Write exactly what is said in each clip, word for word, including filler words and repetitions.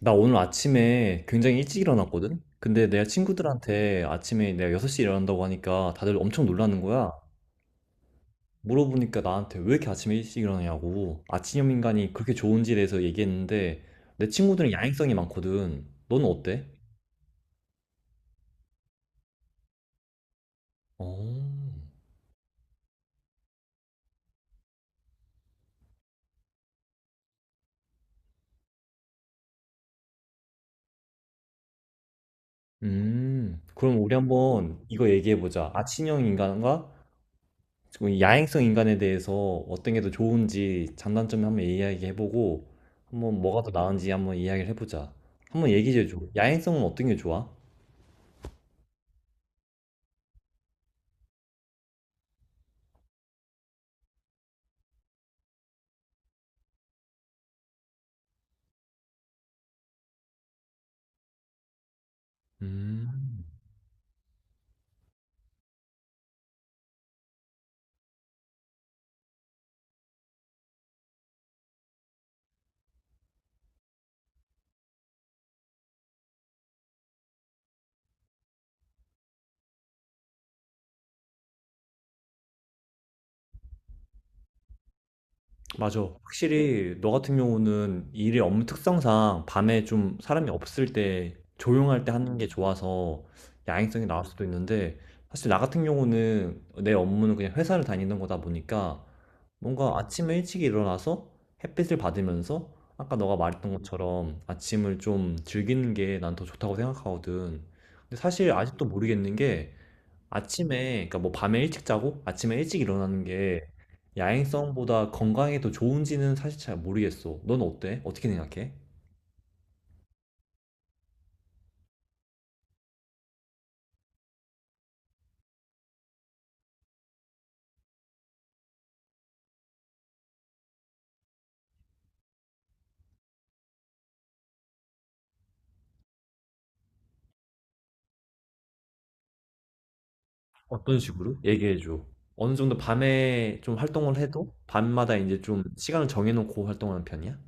나 오늘 아침에 굉장히 일찍 일어났거든? 근데 내가 친구들한테 아침에 내가 여섯 시에 일어난다고 하니까 다들 엄청 놀라는 거야. 물어보니까 나한테 왜 이렇게 아침에 일찍 일어나냐고. 아침형 인간이 그렇게 좋은지에 대해서 얘기했는데 내 친구들은 야행성이 많거든. 너는 어때? 어. 음. 그럼 우리 한번 이거 얘기해보자. 아침형 인간과 지금 야행성 인간에 대해서 어떤 게 더 좋은지 장단점을 한번 이야기해보고 한번 뭐가 더 나은지 한번 이야기를 해보자. 한번 얘기해줘. 야행성은 어떤 게 좋아? 음, 맞아. 확실히 너 같은 경우는 일의 업무 특성상 밤에 좀 사람이 없을 때 조용할 때 하는 게 좋아서 야행성이 나올 수도 있는데 사실 나 같은 경우는 내 업무는 그냥 회사를 다니는 거다 보니까 뭔가 아침에 일찍 일어나서 햇빛을 받으면서 아까 너가 말했던 것처럼 아침을 좀 즐기는 게 난 더 좋다고 생각하거든. 근데 사실 아직도 모르겠는 게 아침에, 그러니까 뭐 밤에 일찍 자고 아침에 일찍 일어나는 게 야행성보다 건강에 더 좋은지는 사실 잘 모르겠어. 넌 어때? 어떻게 생각해? 어떤 식으로? 얘기해줘. 어느 정도 밤에 좀 활동을 해도 밤마다 이제 좀 시간을 정해놓고 활동하는 편이야?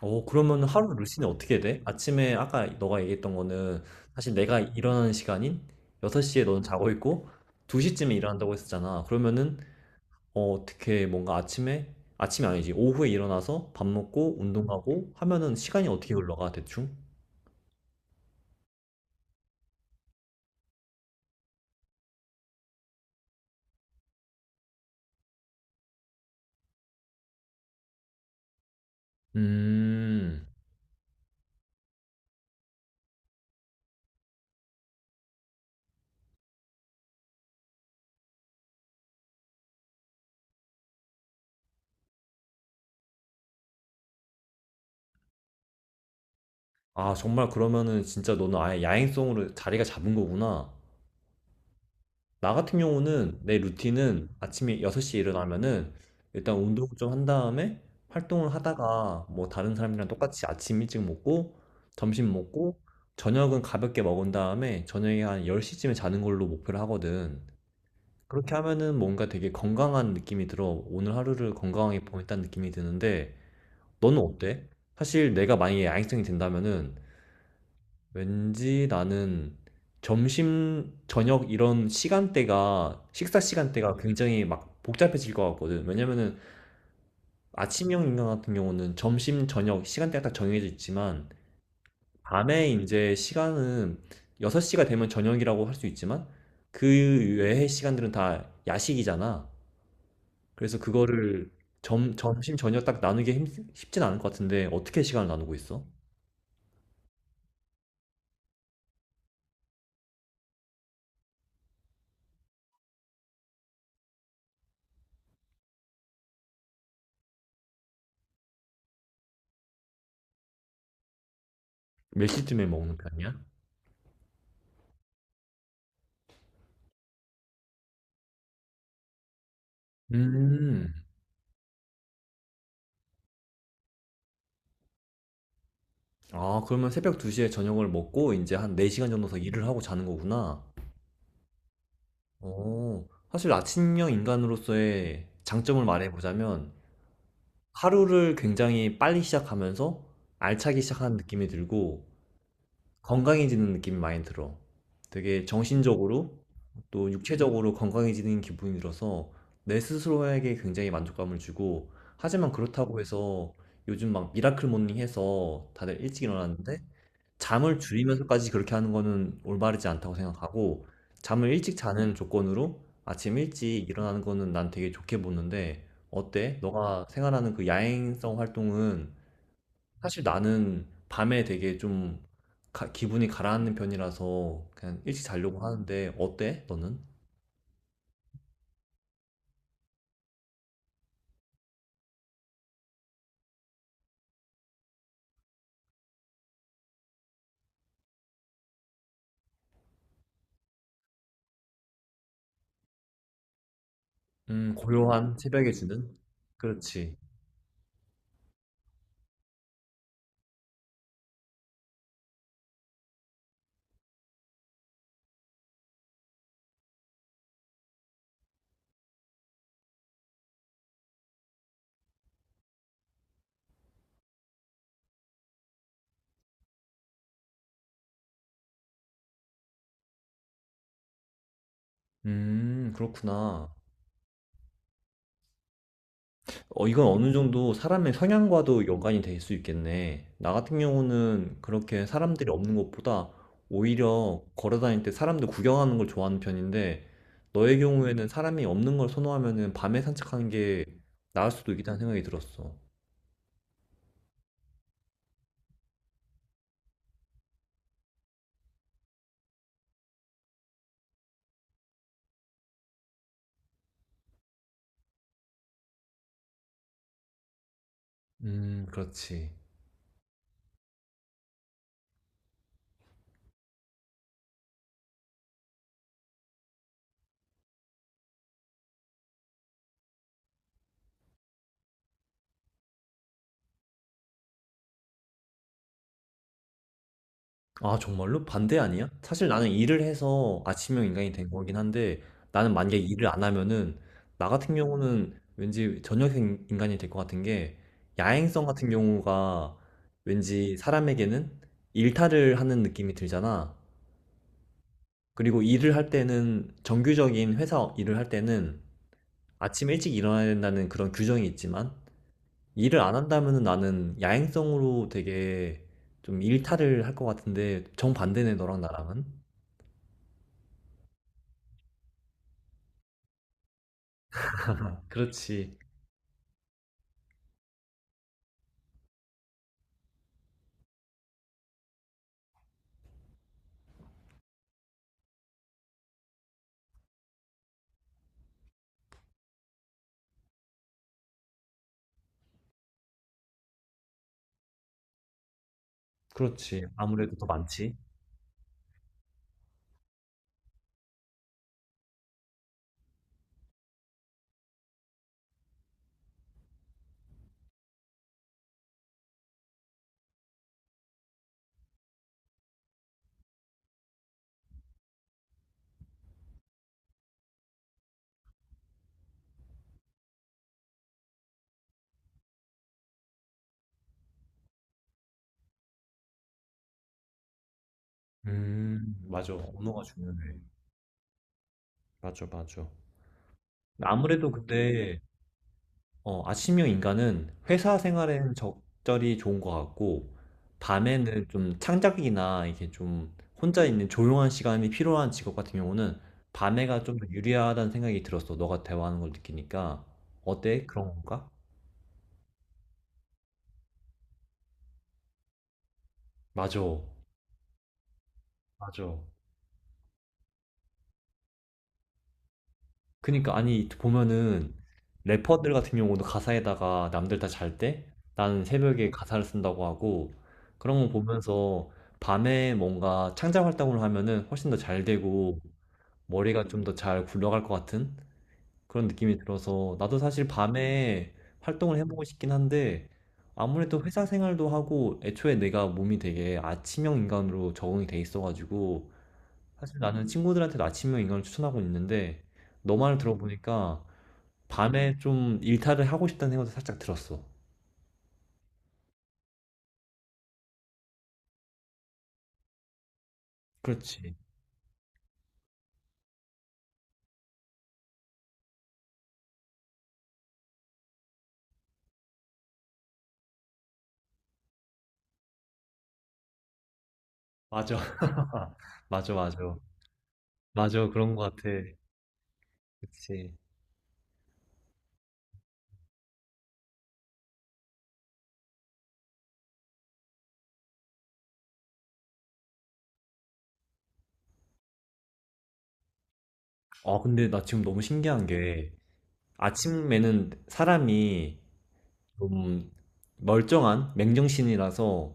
어 그러면 하루 루틴이 어떻게 돼? 아침에 아까 너가 얘기했던 거는 사실 내가 일어나는 시간인 여섯 시에 너는 자고 있고 두 시쯤에 일어난다고 했었잖아. 그러면은 어, 어떻게 뭔가 아침에 아침이 아니지. 오후에 일어나서 밥 먹고 운동하고 하면은 시간이 어떻게 흘러가 대충? 음. 아, 정말 그러면은 진짜 너는 아예 야행성으로 자리가 잡은 거구나. 나 같은 경우는 내 루틴은 아침에 여섯 시에 일어나면은 일단 운동을 좀 한 다음에 활동을 하다가 뭐 다른 사람이랑 똑같이 아침 일찍 먹고 점심 먹고 저녁은 가볍게 먹은 다음에 저녁에 한 열 시쯤에 자는 걸로 목표를 하거든. 그렇게 하면은 뭔가 되게 건강한 느낌이 들어. 오늘 하루를 건강하게 보냈다는 느낌이 드는데 너는 어때? 사실 내가 만약에 야행성이 된다면은 왠지 나는 점심, 저녁 이런 시간대가, 식사 시간대가 굉장히 막 복잡해질 것 같거든. 왜냐면은 아침형 인간 같은 경우는 점심, 저녁 시간대가 딱 정해져 있지만, 밤에 이제 시간은 여섯 시가 되면 저녁이라고 할 수 있지만, 그 외의 시간들은 다 야식이잖아. 그래서 그거를 점, 점심, 저녁 딱 나누기 힘- 쉽진 않을 것 같은데, 어떻게 시간을 나누고 있어? 몇 시쯤에 먹는 편이야? 음, 아 그러면 새벽 두 시에 저녁을 먹고 이제한 네 시간 정도 더 일을 하고 자는 거구나. 어. 사실 아침형 인간으로서의 장점을 말해 보자면 하루를 굉장히 빨리 시작하면서 알차게 시작하는 느낌이 들고 건강해지는 느낌이 많이 들어. 되게 정신적으로 또 육체적으로 건강해지는 기분이 들어서 내 스스로에게 굉장히 만족감을 주고 하지만 그렇다고 해서 요즘 막 미라클 모닝 해서 다들 일찍 일어났는데 잠을 줄이면서까지 그렇게 하는 거는 올바르지 않다고 생각하고 잠을 일찍 자는 조건으로 아침 일찍 일어나는 거는 난 되게 좋게 보는데 어때? 너가 생활하는 그 야행성 활동은 사실 나는 밤에 되게 좀 가- 기분이 가라앉는 편이라서 그냥 일찍 자려고 하는데 어때? 너는? 음, 고요한 새벽에 주는? 그렇지. 음, 그렇구나. 어, 이건 어느 정도 사람의 성향과도 연관이 될 수 있겠네. 나 같은 경우는 그렇게 사람들이 없는 것보다 오히려 걸어 다닐 때 사람들 구경하는 걸 좋아하는 편인데, 너의 경우에는 사람이 없는 걸 선호하면은 밤에 산책하는 게 나을 수도 있겠다는 생각이 들었어. 음, 그렇지. 아, 정말로? 반대 아니야? 사실 나는 일을 해서 아침형 인간이 된 거긴 한데 나는 만약에 일을 안 하면은 나 같은 경우는 왠지 저녁형 인간이 될 것 같은 게 야행성 같은 경우가 왠지 사람에게는 일탈을 하는 느낌이 들잖아. 그리고 일을 할 때는 정규적인 회사 일을 할 때는 아침 일찍 일어나야 된다는 그런 규정이 있지만 일을 안 한다면은 나는 야행성으로 되게 좀 일탈을 할 것 같은데 정반대네 너랑 나랑은. 그렇지. 그렇지. 아무래도 더 많지. 음, 맞아. 언어가 중요해. 음, 맞아, 맞아. 아무래도 근데 어, 아침형 인간은 회사 생활에는 적절히 좋은 것 같고 밤에는 좀 창작이나 이게 좀 혼자 있는 조용한 시간이 필요한 직업 같은 경우는 밤에가 좀 더 유리하다는 생각이 들었어. 너가 대화하는 걸 느끼니까 어때? 그런 건가? 맞아, 맞아. 그니까 아니 보면은 래퍼들 같은 경우도 가사에다가 남들 다 잘 때 나는 새벽에 가사를 쓴다고 하고 그런 거 보면서 밤에 뭔가 창작 활동을 하면은 훨씬 더 잘 되고 머리가 좀 더 잘 굴러갈 것 같은 그런 느낌이 들어서 나도 사실 밤에 활동을 해보고 싶긴 한데 아무래도 회사 생활도 하고 애초에 내가 몸이 되게 아침형 인간으로 적응이 돼 있어가지고 사실 나는 친구들한테도 아침형 인간을 추천하고 있는데 너 말을 들어보니까 밤에 좀 일탈을 하고 싶다는 생각도 살짝 들었어. 그렇지. 맞아. 맞아, 맞아. 맞아, 그런 것 같아. 그치. 아, 근데 나 지금 너무 신기한 게, 아침에는 사람이 좀 멀쩡한 맨정신이라서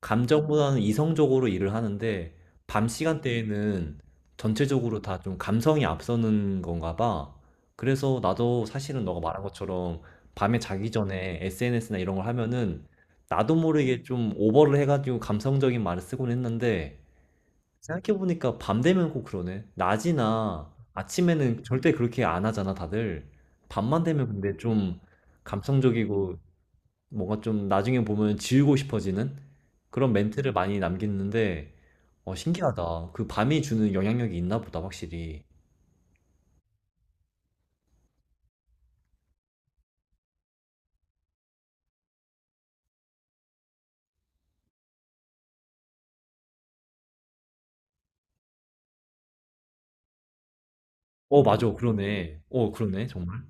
감정보다는 이성적으로 일을 하는데 밤 시간대에는 전체적으로 다 좀 감성이 앞서는 건가 봐. 그래서 나도 사실은 너가 말한 것처럼 밤에 자기 전에 에스엔에스나 이런 걸 하면은 나도 모르게 좀 오버를 해가지고 감성적인 말을 쓰곤 했는데 생각해보니까 밤 되면 꼭 그러네. 낮이나 아침에는 절대 그렇게 안 하잖아, 다들. 밤만 되면 근데 좀 감성적이고 뭔가 좀 나중에 보면 지우고 싶어지는 그런 멘트를 많이 남겼는데, 어, 신기하다. 그 밤이 주는 영향력이 있나 보다, 확실히. 어, 맞아. 그러네. 어, 그러네. 정말.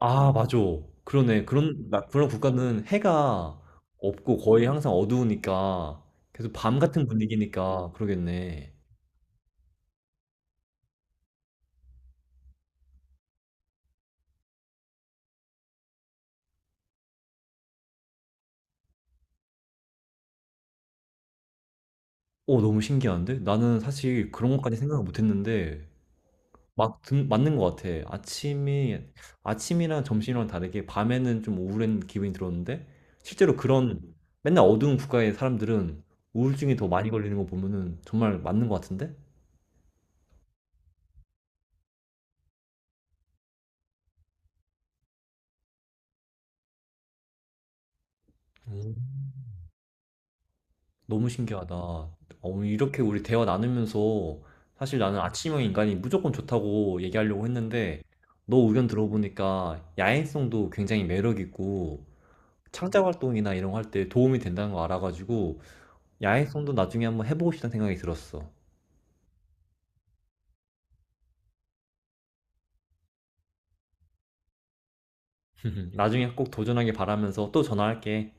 아, 맞아. 그러네. 그런, 나- 그런 국가는 해가 없고 거의 항상 어두우니까 계속 밤 같은 분위기니까 그러겠네. 어, 너무 신기한데? 나는 사실 그런 것까지 생각을 못 했는데, 막 든, 맞는 것 같아. 아침이, 아침이랑 점심이랑 다르게 밤에는 좀 우울한 기분이 들었는데, 실제로 그런 맨날 어두운 국가의 사람들은 우울증이 더 많이 걸리는 거 보면은 정말 맞는 것 같은데? 음. 너무 신기하다. 어, 이렇게 우리 대화 나누면서 사실 나는 아침형 인간이 무조건 좋다고 얘기하려고 했는데, 너 의견 들어보니까 야행성도 굉장히 매력 있고, 창작 활동이나 이런 거 할 때 도움이 된다는 거 알아가지고, 야외송도 나중에 한번 해보고 싶다는 생각이 들었어. 나중에 꼭 도전하길 바라면서 또 전화할게.